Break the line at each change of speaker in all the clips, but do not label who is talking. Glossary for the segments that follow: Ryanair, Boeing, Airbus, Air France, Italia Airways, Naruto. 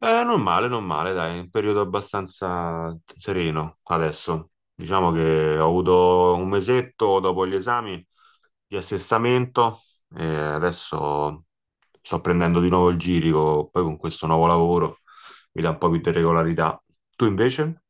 Non male, non male, dai, è un periodo abbastanza sereno adesso. Diciamo che ho avuto un mesetto dopo gli esami di assestamento e adesso sto prendendo di nuovo il girico, poi con questo nuovo lavoro mi dà un po' più di regolarità. Tu invece?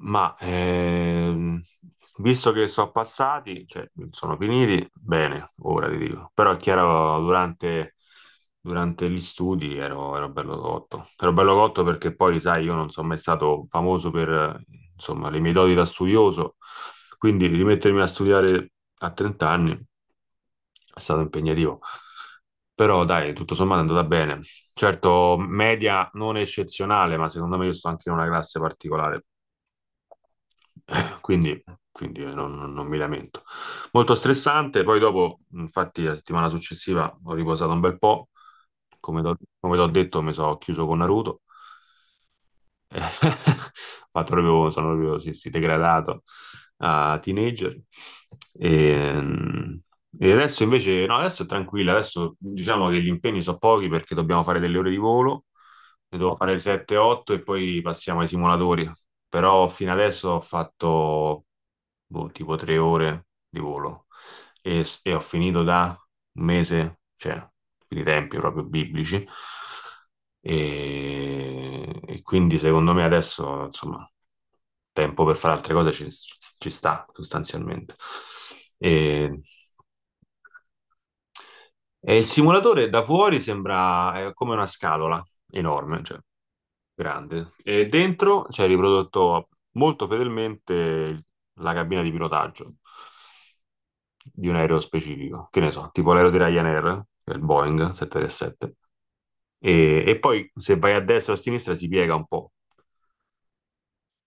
Ma ehm, Visto che sono passati, cioè sono finiti, bene, ora ti dico. Però è chiaro, durante, durante gli studi ero bello cotto. Ero bello cotto perché poi, sai, io non sono mai stato famoso per, insomma, le mie doti da studioso. Quindi rimettermi a studiare a 30 anni è stato impegnativo. Però dai, tutto sommato è andata bene. Certo, media non eccezionale, ma secondo me io sto anche in una classe particolare. Quindi, quindi, non mi lamento. Molto stressante, poi dopo, infatti, la settimana successiva ho riposato un bel po', come t'ho detto, mi sono chiuso con Naruto fatto proprio, sono proprio sì, sì, degradato a teenager. E, e adesso invece, no, adesso è tranquilla, adesso diciamo che gli impegni sono pochi perché dobbiamo fare delle ore di volo, ne devo fare 7-8 e poi passiamo ai simulatori. Però fino adesso ho fatto boh, tipo 3 ore di volo e ho finito da un mese, cioè, quindi tempi proprio biblici. E quindi secondo me adesso, insomma, tempo per fare altre cose ci sta sostanzialmente. E, e il simulatore da fuori sembra come una scatola enorme, cioè grande, e dentro c'è riprodotto molto fedelmente la cabina di pilotaggio di un aereo specifico, che ne so, tipo l'aereo di Ryanair, che è il Boeing 737, e poi se vai a destra o a sinistra si piega un po',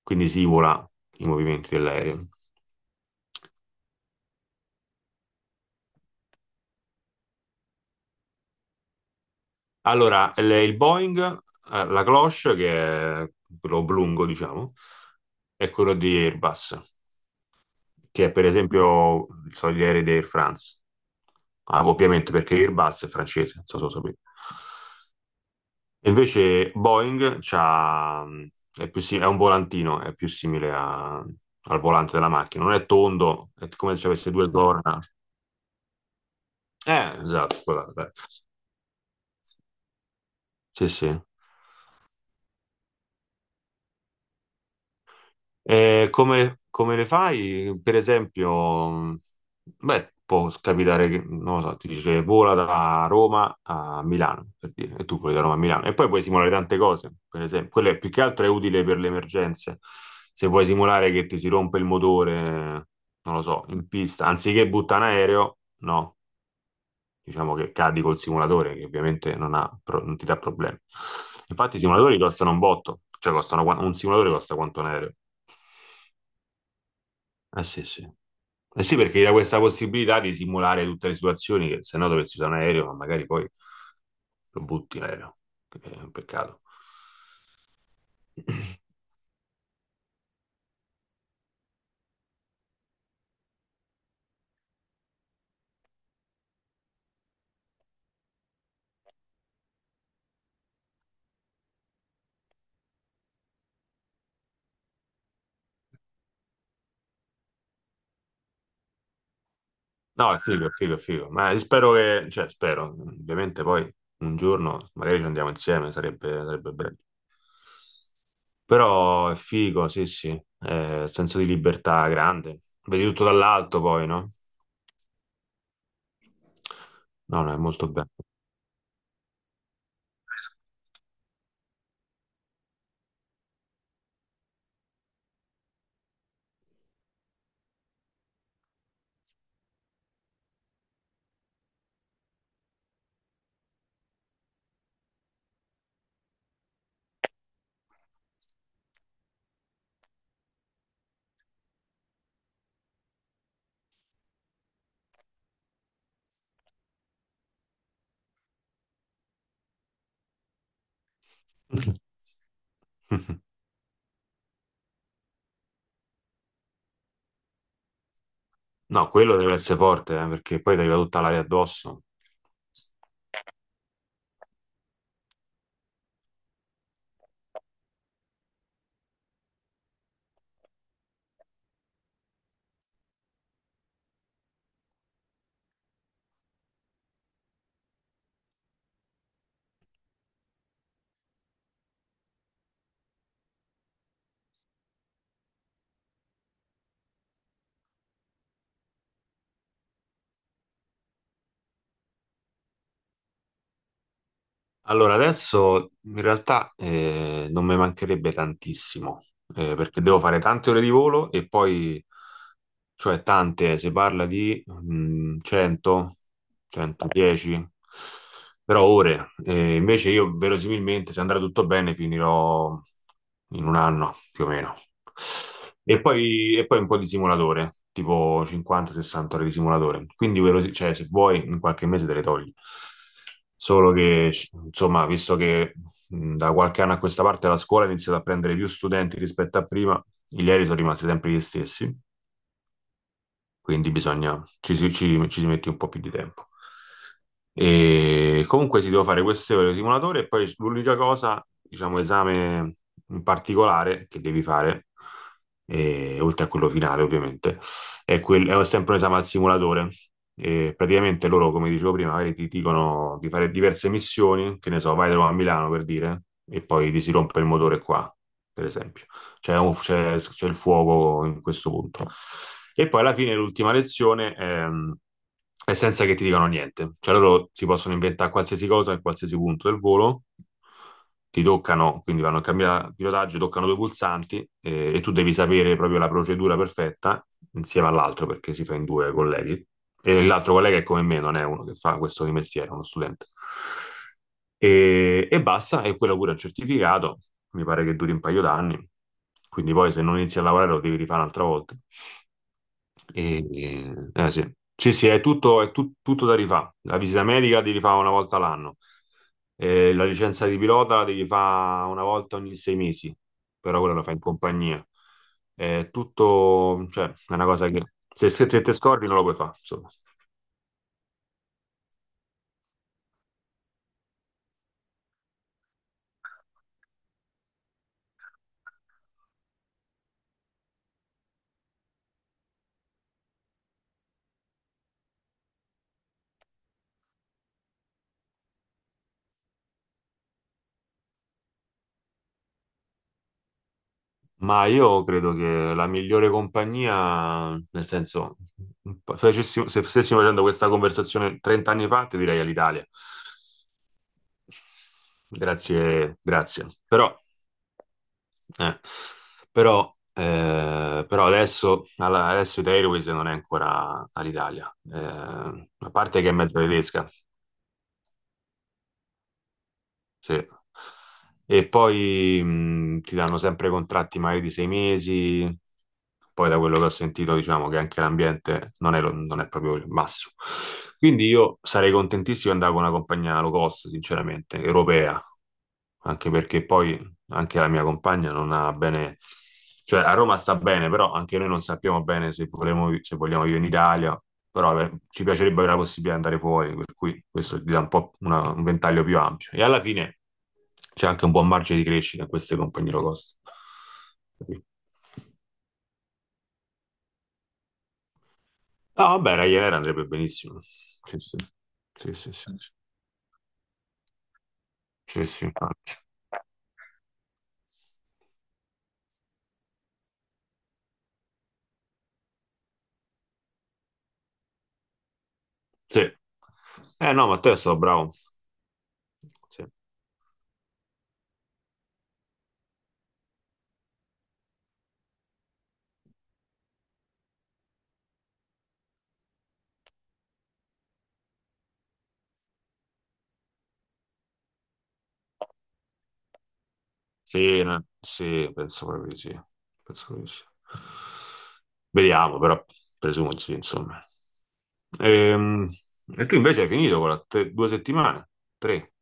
quindi si simula i movimenti dell'aereo. Allora, il Boeing, la cloche, che è quello oblungo, diciamo, è quello di Airbus, che è per esempio so, gli aerei di Air France. Ah, ovviamente perché Airbus è francese, non so se lo sapete. E invece Boeing c'ha, è un volantino, è più simile al volante della macchina. Non è tondo, è come se avesse due corna. Esatto, quella- beh. Sì, sì. E come, come le fai? Per esempio, beh, può capitare che, non lo so, ti dice vola da Roma a Milano, per dire, e tu voli da Roma a Milano. E poi puoi simulare tante cose, per esempio. Più che altro è utile per le emergenze. Se vuoi simulare che ti si rompe il motore, non lo so, in pista, anziché butta in aereo, no, diciamo che cadi col simulatore, che ovviamente non ti dà problemi. Infatti i simulatori costano un botto, cioè costano, un simulatore costa quanto un aereo. Eh sì, sì. Eh sì, perché gli dà questa possibilità di simulare tutte le situazioni che se no dovresti usare un aereo, ma magari poi lo butti l'aereo, che è un peccato. No, è figo, è figo, è figo. Ma spero che, cioè, spero, ovviamente poi un giorno magari ci andiamo insieme, sarebbe bello. Però è figo, sì, sì. Senso di libertà grande. Vedi tutto dall'alto poi, no? No, no, è molto bello. No, quello deve essere forte, perché poi ti arriva tutta l'aria addosso. Allora, adesso in realtà non mi mancherebbe tantissimo, perché devo fare tante ore di volo e poi, cioè tante, si parla di 100, 110, però ore. Invece io verosimilmente, se andrà tutto bene, finirò in un anno più o meno. E poi un po' di simulatore, tipo 50-60 ore di simulatore. Quindi, cioè, se vuoi, in qualche mese te le togli. Solo che, insomma, visto che da qualche anno a questa parte la scuola ha iniziato a prendere più studenti rispetto a prima, i aerei sono rimasti sempre gli stessi, quindi bisogna, ci si mette un po' più di tempo. E comunque si deve fare queste ore di simulatore e poi l'unica cosa, diciamo, esame in particolare che devi fare, oltre a quello finale ovviamente, è, è sempre un esame al simulatore. E praticamente loro, come dicevo prima, magari ti dicono di fare diverse missioni, che ne so, vai da Roma a Milano per dire, e poi ti si rompe il motore qua, per esempio c'è il fuoco in questo punto. E poi alla fine l'ultima lezione è senza che ti dicano niente, cioè loro si possono inventare qualsiasi cosa in qualsiasi punto del volo, ti toccano, quindi vanno a cambiare pilotaggio, toccano due pulsanti, e tu devi sapere proprio la procedura perfetta insieme all'altro perché si fa in due colleghi. E l'altro collega è come me, non è uno che fa questo di mestiere, è uno studente e basta, e quello pure è un certificato, mi pare che duri un paio d'anni, quindi poi se non inizi a lavorare lo devi rifare un'altra volta. Sì. Sì, sì, è tutto, tutto da rifare. La visita medica devi fare una volta l'anno, e la licenza di pilota la devi fare una volta ogni sei mesi, però quella la fai in compagnia. È tutto, cioè, è una cosa che se te scordi non lo puoi fare, insomma. Ma io credo che la migliore compagnia, nel senso, se stessimo facendo questa conversazione 30 anni fa, ti direi all'Italia. Grazie, grazie. Però, eh, però adesso, adesso Italia Airways non è ancora all'Italia. A parte che è mezza tedesca. Sì. E poi ti danno sempre contratti magari di sei mesi, poi da quello che ho sentito diciamo che anche l'ambiente non è, non è proprio il massimo. Quindi io sarei contentissimo di andare con una compagnia low cost, sinceramente, europea, anche perché poi anche la mia compagna non ha bene, cioè a Roma sta bene, però anche noi non sappiamo bene se vogliamo, se vogliamo vivere in Italia, però ci piacerebbe avere la possibilità di andare fuori, per cui questo ti dà un po' un ventaglio più ampio. E alla fine c'è anche un buon margine di crescita in queste compagnie low cost. Capito? No, vabbè, Ryanair andrebbe benissimo. Sì, sì, sì, sì, sì, sì, sì, sì. Sì. Eh no, Matteo è stato bravo. Sì. Sì, sì, penso proprio di sì. Penso proprio di sì. Vediamo, però presumo di sì, insomma. Ehm, E, tu invece hai finito con la due settimane? Tre?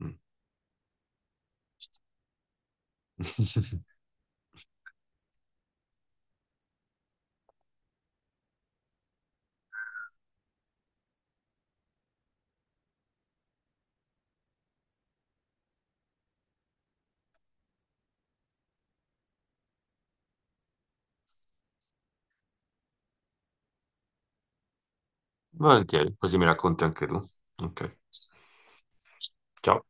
Mm. Volentieri, così mi racconti anche tu. Ok. Ciao.